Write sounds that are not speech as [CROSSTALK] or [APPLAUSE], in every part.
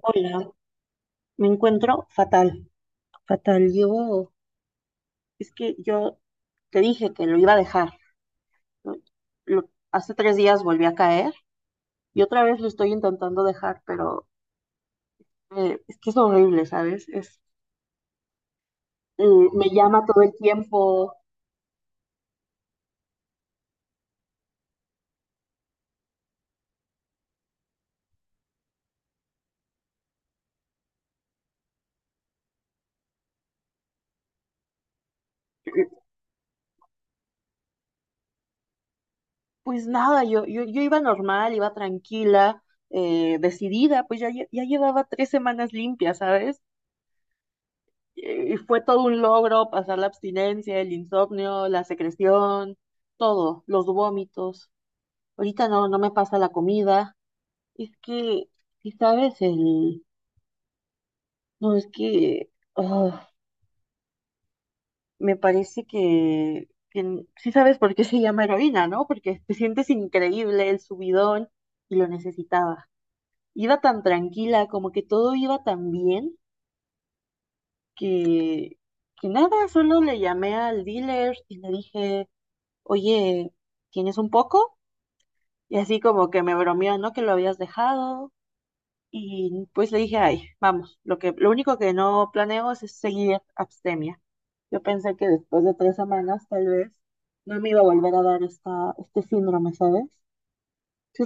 Hola, me encuentro fatal, fatal. Yo, es que yo te dije que lo iba a dejar, ¿no? Lo- hace 3 días volví a caer y otra vez lo estoy intentando dejar, pero es que es horrible, ¿sabes? Eh, me llama todo el tiempo. Pues nada, yo iba normal, iba tranquila, decidida, pues ya, ya llevaba 3 semanas limpias, ¿sabes? Y fue todo un logro pasar la abstinencia, el insomnio, la secreción, todo, los vómitos. Ahorita no me pasa la comida. Es que, si sabes, el... No, es que... ah, me parece que... Sí sabes por qué se llama heroína, ¿no? Porque te sientes increíble, el subidón, y lo necesitaba. Iba tan tranquila, como que todo iba tan bien, que... Que nada, solo le llamé al dealer y le dije... oye, ¿tienes un poco? Y así como que me bromeó, ¿no? Que lo habías dejado. Y pues le dije, ay, vamos, lo único que no planeo es seguir abstemia. Yo pensé que después de 3 semanas, tal vez, no me iba a volver a dar esta, este síndrome, ¿sabes? Sí,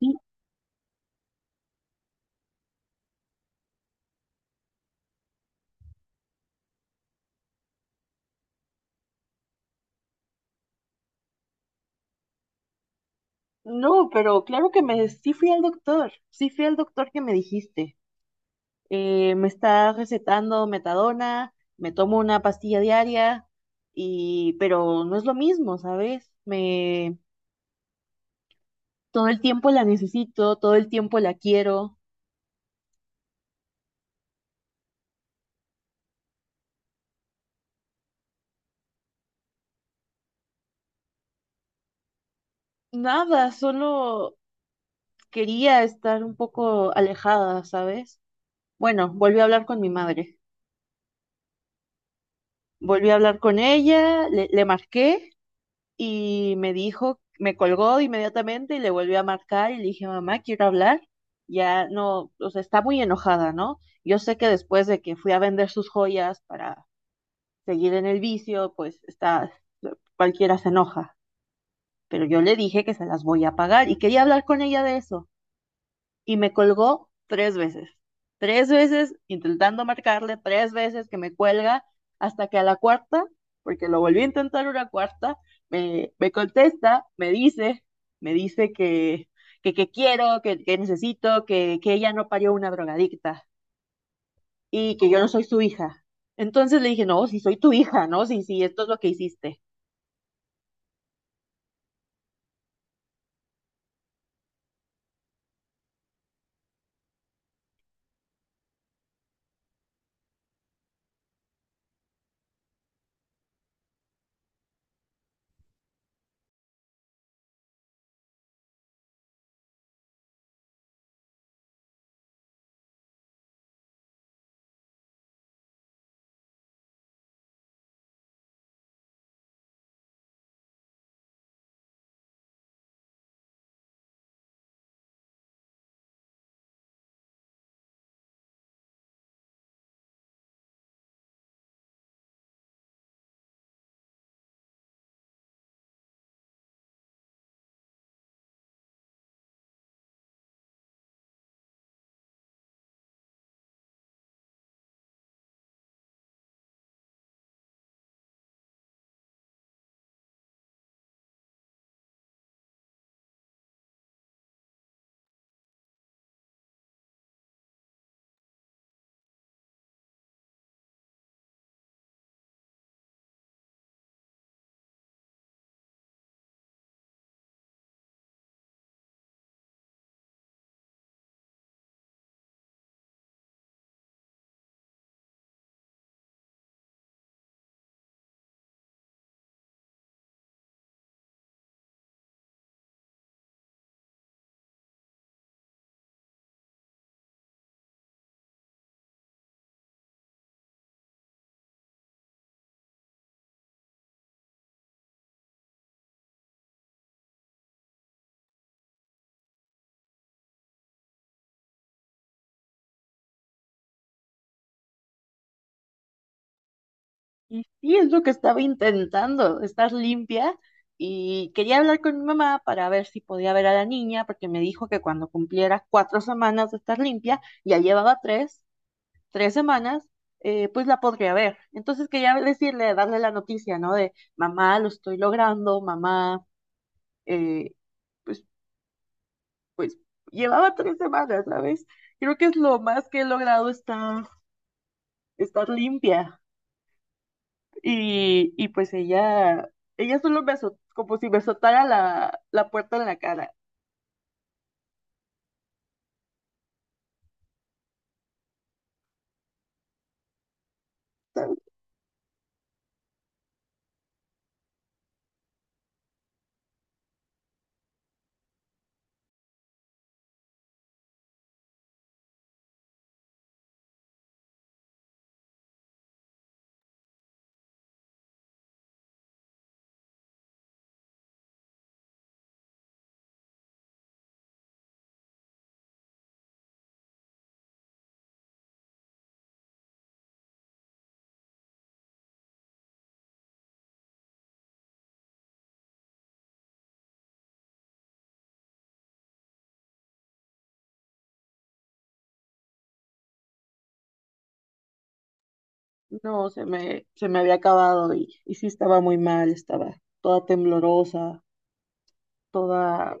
sí. No, pero claro que me, sí fui al doctor, sí fui al doctor que me dijiste. Me está recetando metadona, me tomo una pastilla diaria, y, pero no es lo mismo, ¿sabes? Me, todo el tiempo la necesito, todo el tiempo la quiero. Nada, solo quería estar un poco alejada, ¿sabes? Bueno, volví a hablar con mi madre. Volví a hablar con ella, le marqué y me dijo, me colgó inmediatamente y le volvió a marcar y le dije, mamá, quiero hablar. Ya no, o sea, está muy enojada, ¿no? Yo sé que después de que fui a vender sus joyas para seguir en el vicio, pues está, cualquiera se enoja, pero yo le dije que se las voy a pagar y quería hablar con ella de eso y me colgó 3 veces. Tres veces intentando marcarle, 3 veces que me cuelga, hasta que a la cuarta, porque lo volví a intentar una cuarta, me contesta, me dice que quiero, que necesito, que ella no parió una drogadicta y que yo no soy su hija. Entonces le dije, no, si soy tu hija, ¿no? Si esto es lo que hiciste. Y sí, es lo que estaba intentando, estar limpia. Y quería hablar con mi mamá para ver si podía ver a la niña, porque me dijo que cuando cumpliera 4 semanas de estar limpia, ya llevaba tres semanas, pues la podría ver. Entonces quería decirle, darle la noticia, ¿no? De mamá, lo estoy logrando, mamá, eh, pues, pues llevaba 3 semanas, ¿sabes? Creo que es lo más que he logrado estar limpia. Y pues ella solo me azotó, como si me azotara la puerta en la cara. No, se me había acabado y sí estaba muy mal, estaba toda temblorosa, toda...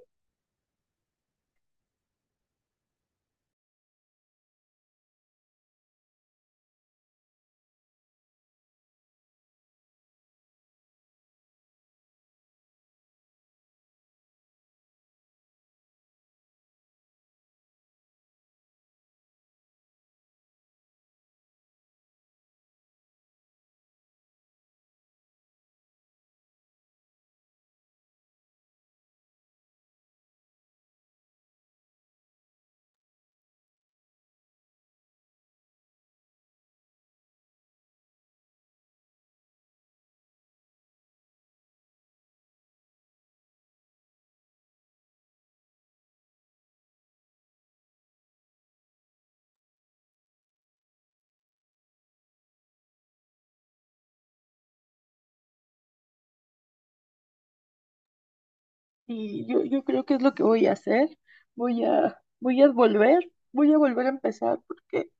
Y yo creo que es lo que voy a hacer. Voy a volver a empezar porque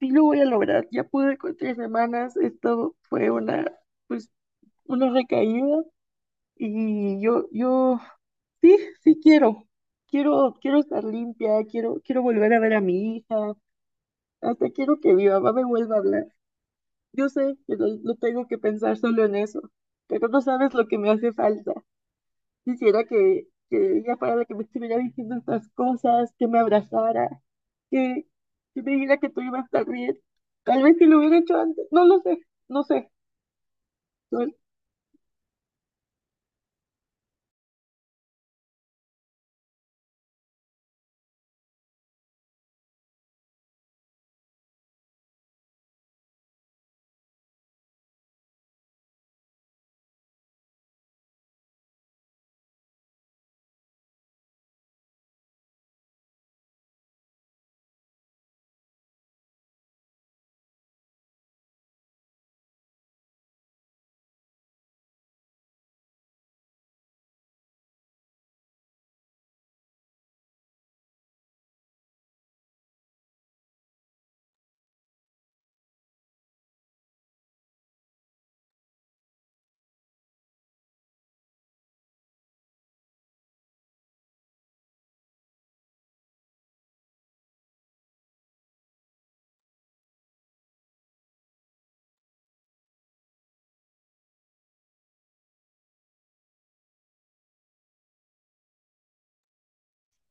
sí lo voy a lograr. Ya pude con 3 semanas, esto fue pues, una recaída y yo sí, sí quiero. Quiero estar limpia, quiero volver a ver a mi hija, hasta quiero que mi mamá me vuelva a hablar. Yo sé que lo tengo que pensar solo en eso, pero no sabes lo que me hace falta. Quisiera que ella fuera la que me estuviera diciendo estas cosas, que me abrazara, que, que me dijera que tú ibas a estar bien. Tal vez si lo hubiera hecho antes, no lo sé, no sé.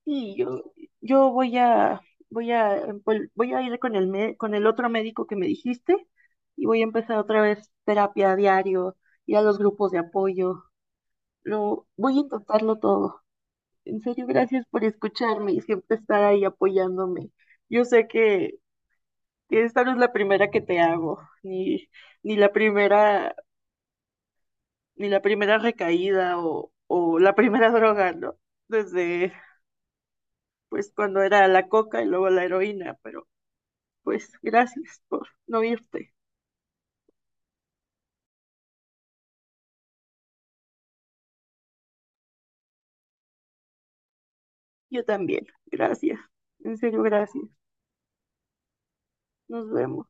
Sí, yo voy a ir con con el otro médico que me dijiste y voy a empezar otra vez terapia a diario, ir a los grupos de apoyo. Voy a intentarlo todo. En serio, gracias por escucharme y siempre estar ahí apoyándome. Yo sé que esta no es la primera que te hago, ni la primera, ni la primera recaída o la [LAUGHS] primera droga, ¿no? Desde, pues, cuando era la coca y luego la heroína, pero pues gracias por no irte. Yo también. Gracias. En serio, gracias. Nos vemos.